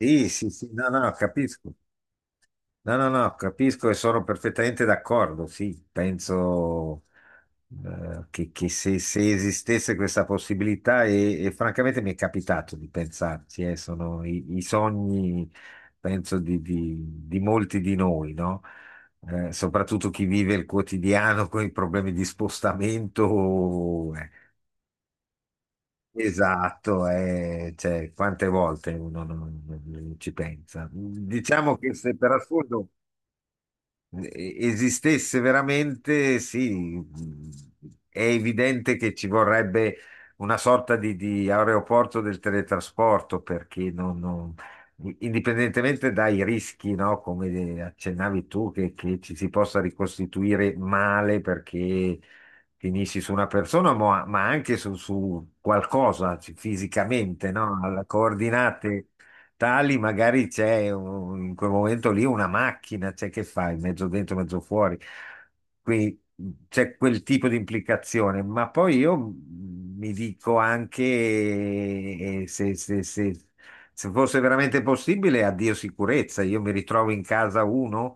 Sì, sì, sì, no, no, no, capisco. No, no, no, capisco e sono perfettamente d'accordo. Sì, penso che, che se esistesse questa possibilità, e francamente mi è capitato di pensarci, sono i sogni, penso, di molti di noi, no? Soprattutto chi vive il quotidiano con i problemi di spostamento. Eh, Esatto, cioè, quante volte uno non ci pensa. Diciamo che se per assurdo esistesse veramente, sì, è evidente che ci vorrebbe una sorta di aeroporto del teletrasporto. Perché indipendentemente dai rischi, no, come accennavi tu, che ci si possa ricostituire male perché finisci su una persona, ma anche su, su qualcosa fisicamente, no, alla coordinate tali, magari in quel momento lì una macchina, c'è, che fai, mezzo dentro, mezzo fuori. Quindi c'è quel tipo di implicazione, ma poi io mi dico anche se fosse veramente possibile, addio sicurezza, io mi ritrovo in casa uno,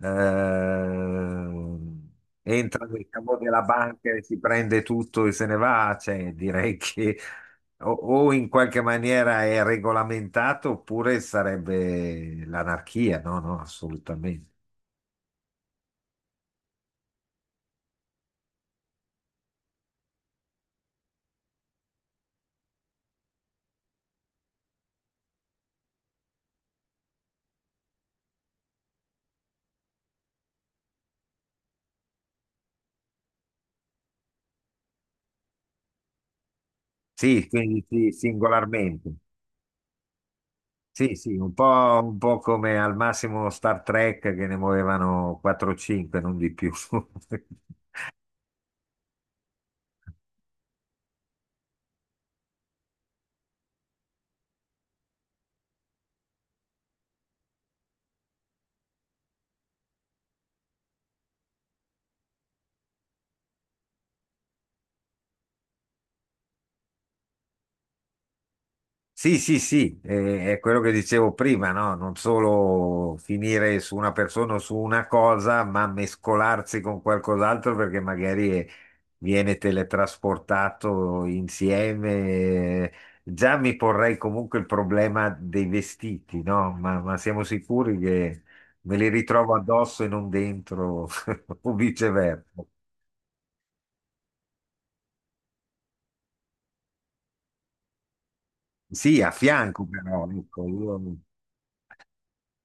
eh, entra nel cavo della banca e si prende tutto e se ne va, cioè, direi che o in qualche maniera è regolamentato oppure sarebbe l'anarchia. No, no, assolutamente. Sì, quindi sì, singolarmente. Sì, sì, un po' come al massimo Star Trek che ne muovevano 4-5, non di più. Sì, sì, sì, è quello che dicevo prima, no? Non solo finire su una persona o su una cosa, ma mescolarsi con qualcos'altro perché magari viene teletrasportato insieme. Eh, Già mi porrei comunque il problema dei vestiti, no? Ma siamo sicuri che me li ritrovo addosso e non dentro o viceversa? Sì, a fianco però, ecco, io.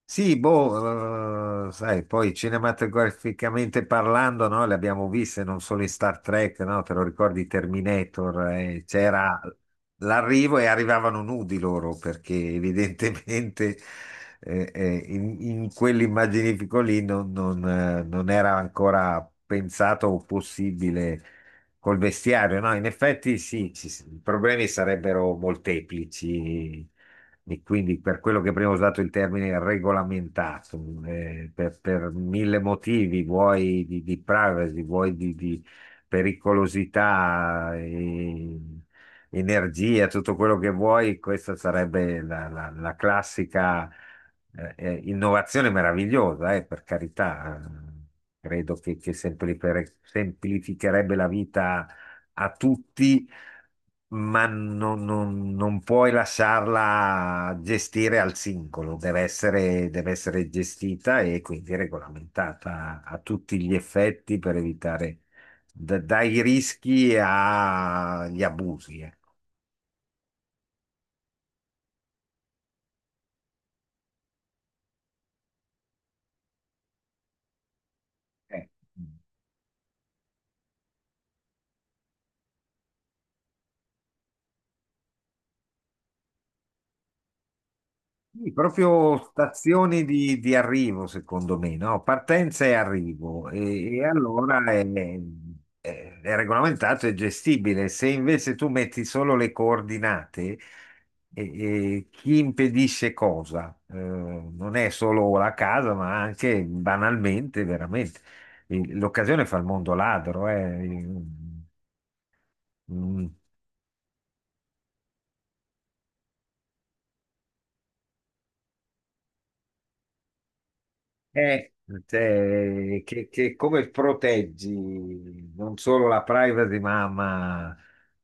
Sì, boh, sai, poi cinematograficamente parlando, no, le abbiamo viste non solo in Star Trek, no, te lo ricordi Terminator, c'era l'arrivo e arrivavano nudi loro, perché evidentemente in quell'immaginifico lì non era ancora pensato o possibile col vestiario, no? In effetti sì, i problemi sarebbero molteplici. E quindi per quello che prima ho usato il termine regolamentato, per mille motivi, vuoi di privacy, vuoi di pericolosità, energia, tutto quello che vuoi. Questa sarebbe la classica, innovazione meravigliosa, per carità. Credo che semplificherebbe la vita a tutti, ma non puoi lasciarla gestire al singolo. Deve essere, deve essere gestita e quindi regolamentata a tutti gli effetti per evitare dai rischi agli abusi. Ecco. Eh, sì, proprio stazioni di arrivo, secondo me, no? Partenza e arrivo. E allora è regolamentato e gestibile. Se invece tu metti solo le coordinate, e chi impedisce cosa? Non è solo la casa, ma anche banalmente, veramente. L'occasione fa il mondo ladro, eh. Mm. Eh, cioè, che come proteggi non solo la privacy, ma,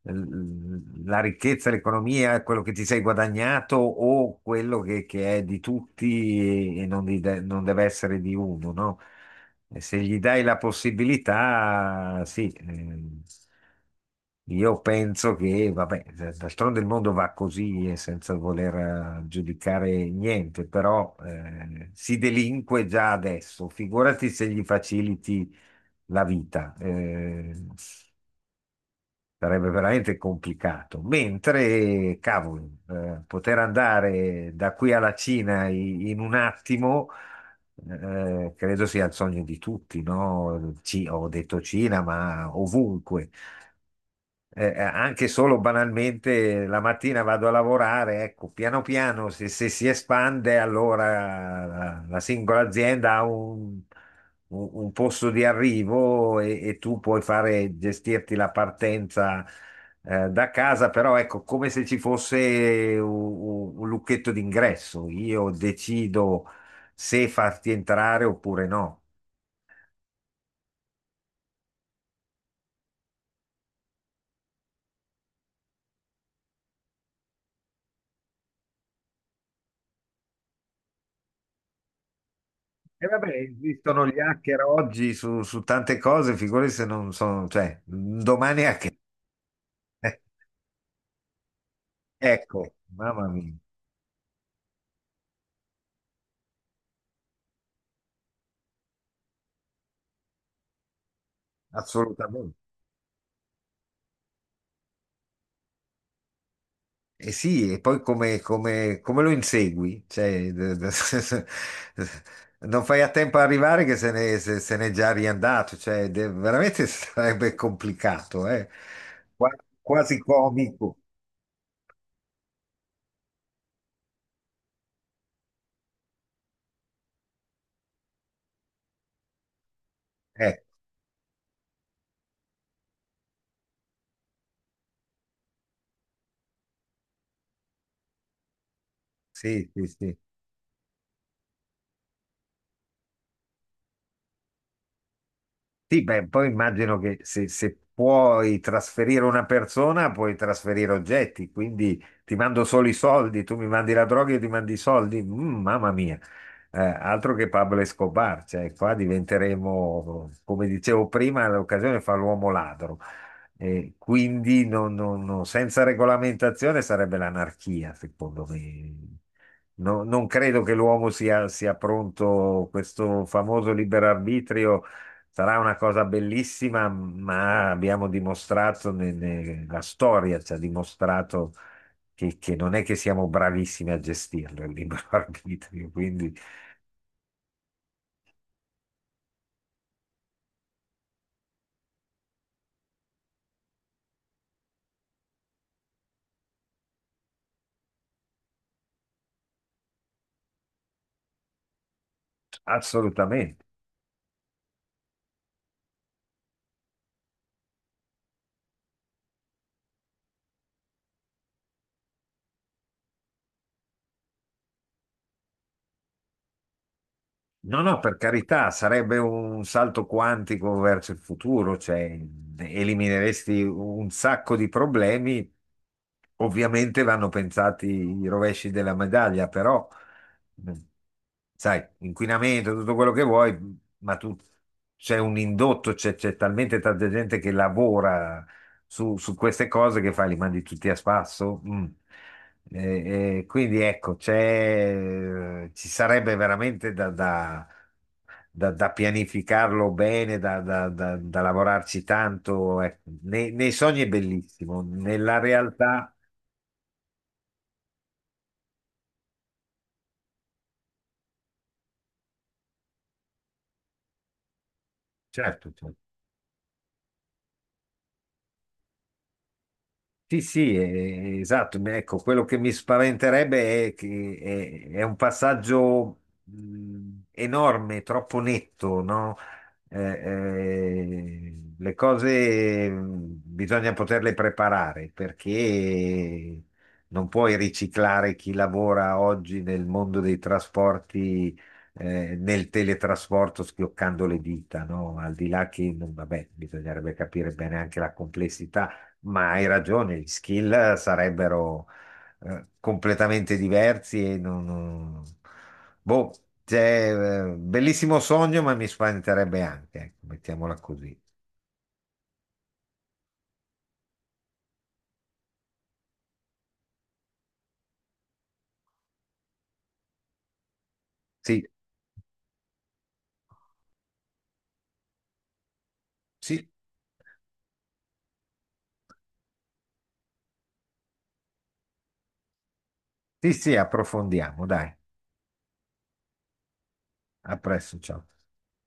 la ricchezza, l'economia, quello che ti sei guadagnato o quello che è di tutti e non deve essere di uno, no? E se gli dai la possibilità, sì, io penso che, vabbè, d'altronde il mondo va così e senza voler giudicare niente, però si delinque già adesso, figurati se gli faciliti la vita. Sarebbe veramente complicato. Mentre, cavolo, poter andare da qui alla Cina in un attimo, credo sia il sogno di tutti, no? Ho detto Cina, ma ovunque. Anche solo banalmente la mattina vado a lavorare, ecco, piano piano se, se si espande, allora la singola azienda ha un, un posto di arrivo e tu puoi fare, gestirti la partenza da casa, però ecco, come se ci fosse un lucchetto d'ingresso, io decido se farti entrare oppure no. E vabbè, esistono gli hacker oggi su, su tante cose, figurati se non sono, cioè, un domani hacker. Eh, ecco, mamma mia, assolutamente. E sì, e poi come, come lo insegui? Cioè, non fai a tempo a arrivare che se ne, se- se n'è già riandato, cioè, veramente sarebbe complicato, eh. Qua- quasi comico. Eh, sì, sì, sì. Sì, beh, poi immagino che se, se puoi trasferire una persona, puoi trasferire oggetti, quindi ti mando solo i soldi, tu mi mandi la droga, io ti mandi i soldi. Mm, mamma mia. Altro che Pablo Escobar, cioè qua diventeremo, come dicevo prima, l'occasione fa l'uomo ladro. Quindi senza regolamentazione sarebbe l'anarchia, secondo me. Non credo che l'uomo sia pronto. Questo famoso libero arbitrio sarà una cosa bellissima, ma abbiamo dimostrato, la storia ci ha dimostrato che non è che siamo bravissimi a gestirlo il libero arbitrio, quindi assolutamente. No, no, per carità, sarebbe un salto quantico verso il futuro, cioè elimineresti un sacco di problemi. Ovviamente vanno pensati i rovesci della medaglia, però, mh, sai, inquinamento, tutto quello che vuoi, ma tu c'è un indotto, c'è talmente tanta gente che lavora su, su queste cose, che fai, li mandi tutti a spasso. Mm. Quindi ecco, c'è, ci sarebbe veramente da, da pianificarlo bene, da, da lavorarci tanto. Ecco. Nei, nei sogni è bellissimo, nella realtà, certo, certo. Sì, sì, esatto. Ecco, quello che mi spaventerebbe è che è un passaggio enorme, troppo netto, no? Le cose bisogna poterle preparare, perché non puoi riciclare chi lavora oggi nel mondo dei trasporti, nel teletrasporto schioccando le dita, no? Al di là che, vabbè, bisognerebbe capire bene anche la complessità, ma hai ragione, gli skill sarebbero completamente diversi e non... non- Boh, c'è bellissimo sogno, ma mi spaventerebbe anche, ecco, mettiamola così. Sì, sì. Sì, sì, approfondiamo, dai. A presto, ciao.